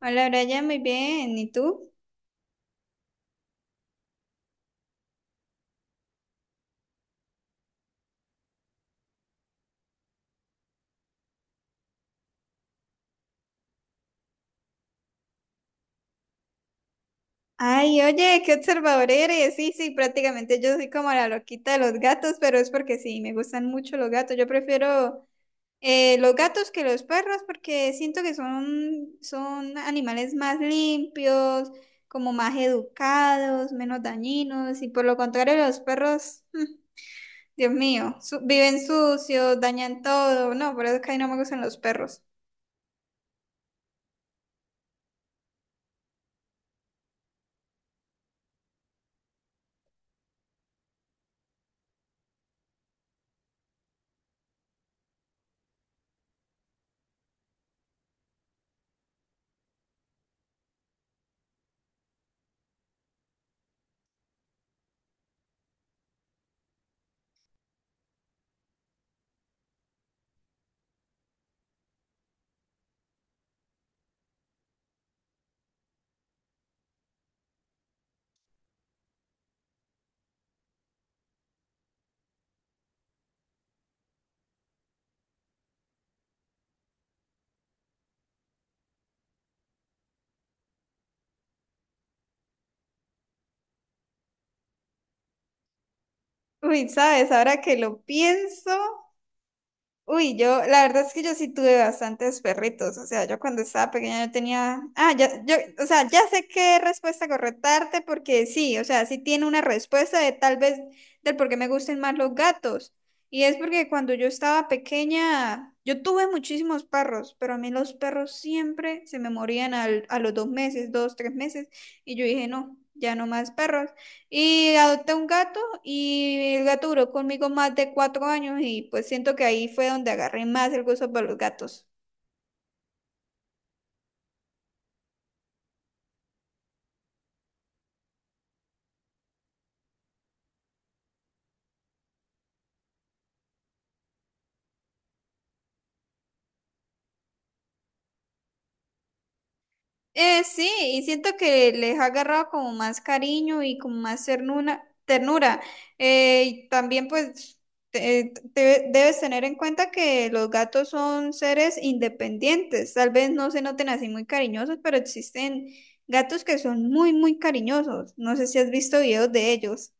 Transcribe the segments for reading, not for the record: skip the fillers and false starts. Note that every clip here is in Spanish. Hola, Brian, muy bien. ¿Y tú? Ay, oye, qué observador eres. Sí, sí, prácticamente yo soy como la loquita de los gatos, pero es porque sí, me gustan mucho los gatos. Yo prefiero los gatos que los perros porque siento que son animales más limpios, como más educados, menos dañinos. Y por lo contrario, los perros, Dios mío, viven sucios, dañan todo. No, por eso es que a mí no me gustan los perros. Uy, sabes, ahora que lo pienso. Uy, yo, la verdad es que yo sí tuve bastantes perritos, o sea, yo cuando estaba pequeña yo tenía, ah, ya, yo, o sea, ya sé qué respuesta correctarte porque sí, o sea, sí tiene una respuesta de tal vez del por qué me gustan más los gatos. Y es porque cuando yo estaba pequeña, yo tuve muchísimos perros, pero a mí los perros siempre se me morían al, a los 2 meses, 2, 3 meses, y yo dije, no, ya no más perros. Y adopté un gato y el gato duró conmigo más de 4 años y pues siento que ahí fue donde agarré más el gusto por los gatos. Sí, y siento que les ha agarrado como más cariño y como más ternura. Y también pues debes tener en cuenta que los gatos son seres independientes. Tal vez no se noten así muy cariñosos, pero existen gatos que son muy, muy cariñosos. No sé si has visto videos de ellos.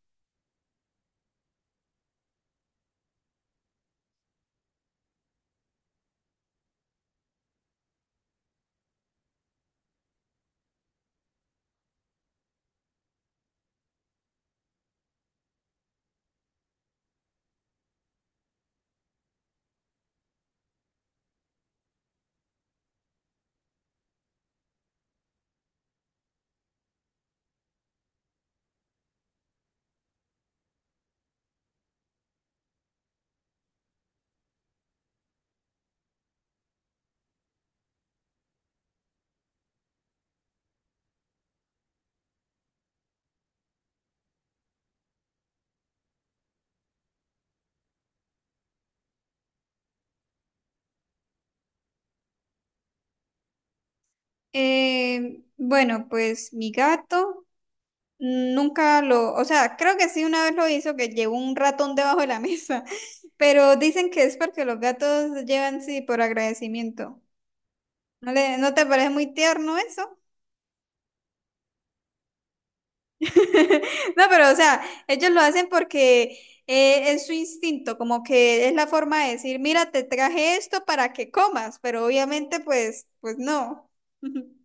Bueno, pues mi gato nunca lo, o sea, creo que sí una vez lo hizo, que llevó un ratón debajo de la mesa, pero dicen que es porque los gatos llevan sí por agradecimiento. ¿No te parece muy tierno eso? No, pero o sea, ellos lo hacen porque es su instinto, como que es la forma de decir, mira, te traje esto para que comas, pero obviamente pues no.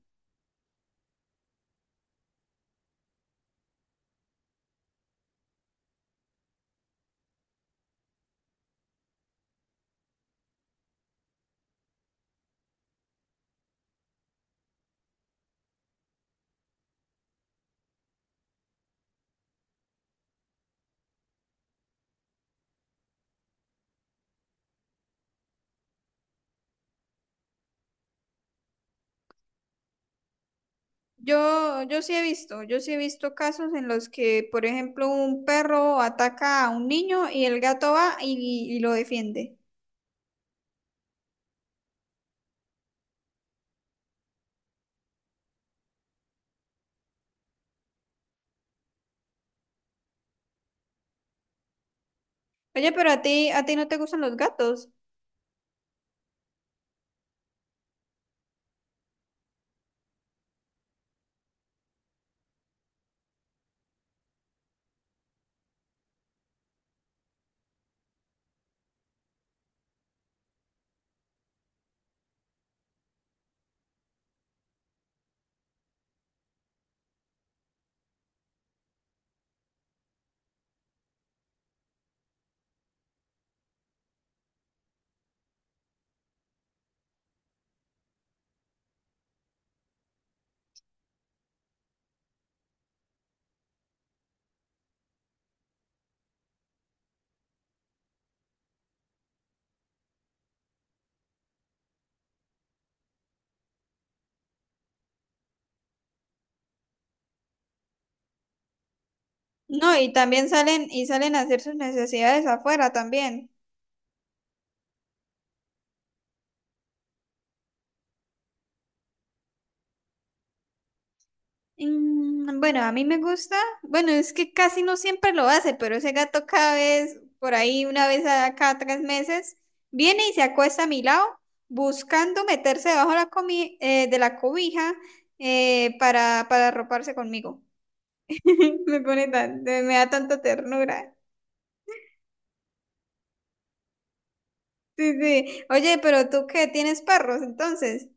Yo sí he visto, casos en los que, por ejemplo, un perro ataca a un niño y el gato va y lo defiende. Oye, pero a ti no te gustan los gatos. No, y también salen, y salen a hacer sus necesidades afuera también. Bueno, a mí me gusta, bueno, es que casi no siempre lo hace, pero ese gato cada vez, por ahí una vez a cada 3 meses, viene y se acuesta a mi lado buscando meterse debajo de la, de la cobija para arroparse conmigo. Me pone tan, me da tanta ternura. Sí, sí. Oye, pero tú qué, ¿tienes perros entonces?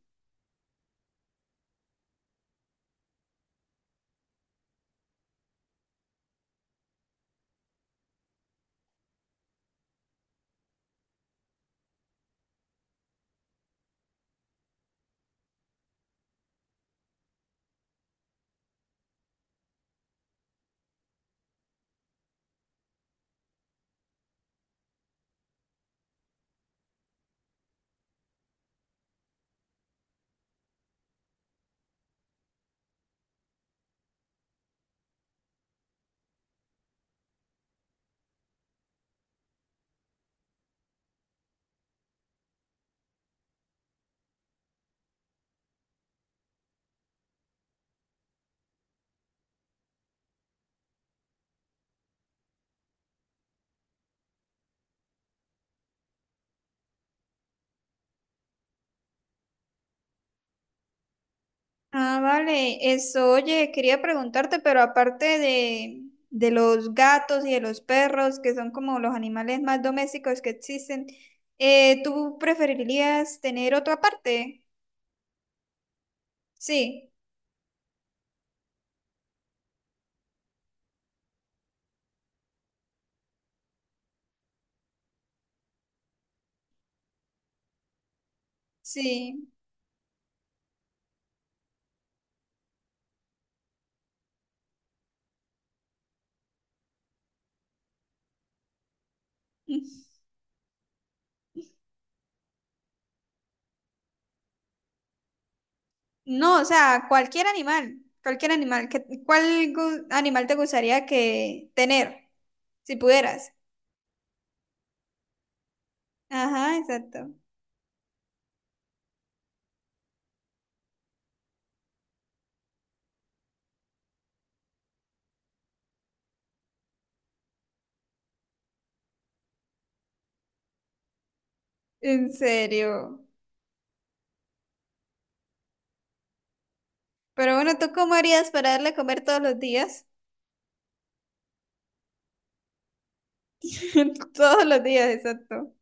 Ah, vale, eso, oye, quería preguntarte, pero aparte de los gatos y de los perros, que son como los animales más domésticos que existen, ¿tú preferirías tener otro aparte? Sí, sí. Mm. No, o sea, cualquier animal, que, ¿cuál animal te gustaría que tener, si pudieras? Ajá, exacto. En serio. Pero bueno, ¿tú cómo harías para darle a comer todos los días? Todos los días, exacto.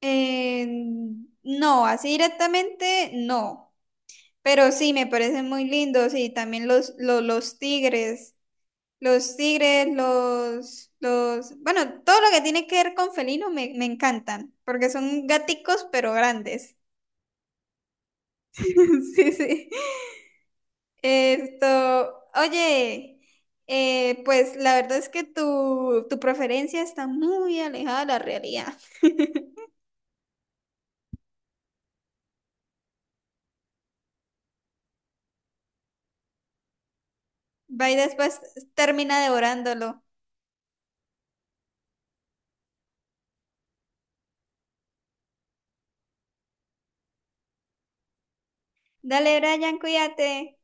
Eh, no, así directamente no, pero sí me parecen muy lindos y también los tigres, bueno, todo lo que tiene que ver con felinos me encantan, porque son gaticos pero grandes. Sí, sí. Esto, oye, pues la verdad es que tu preferencia está muy alejada de la realidad. Va y después termina devorándolo. Dale, Brian, cuídate.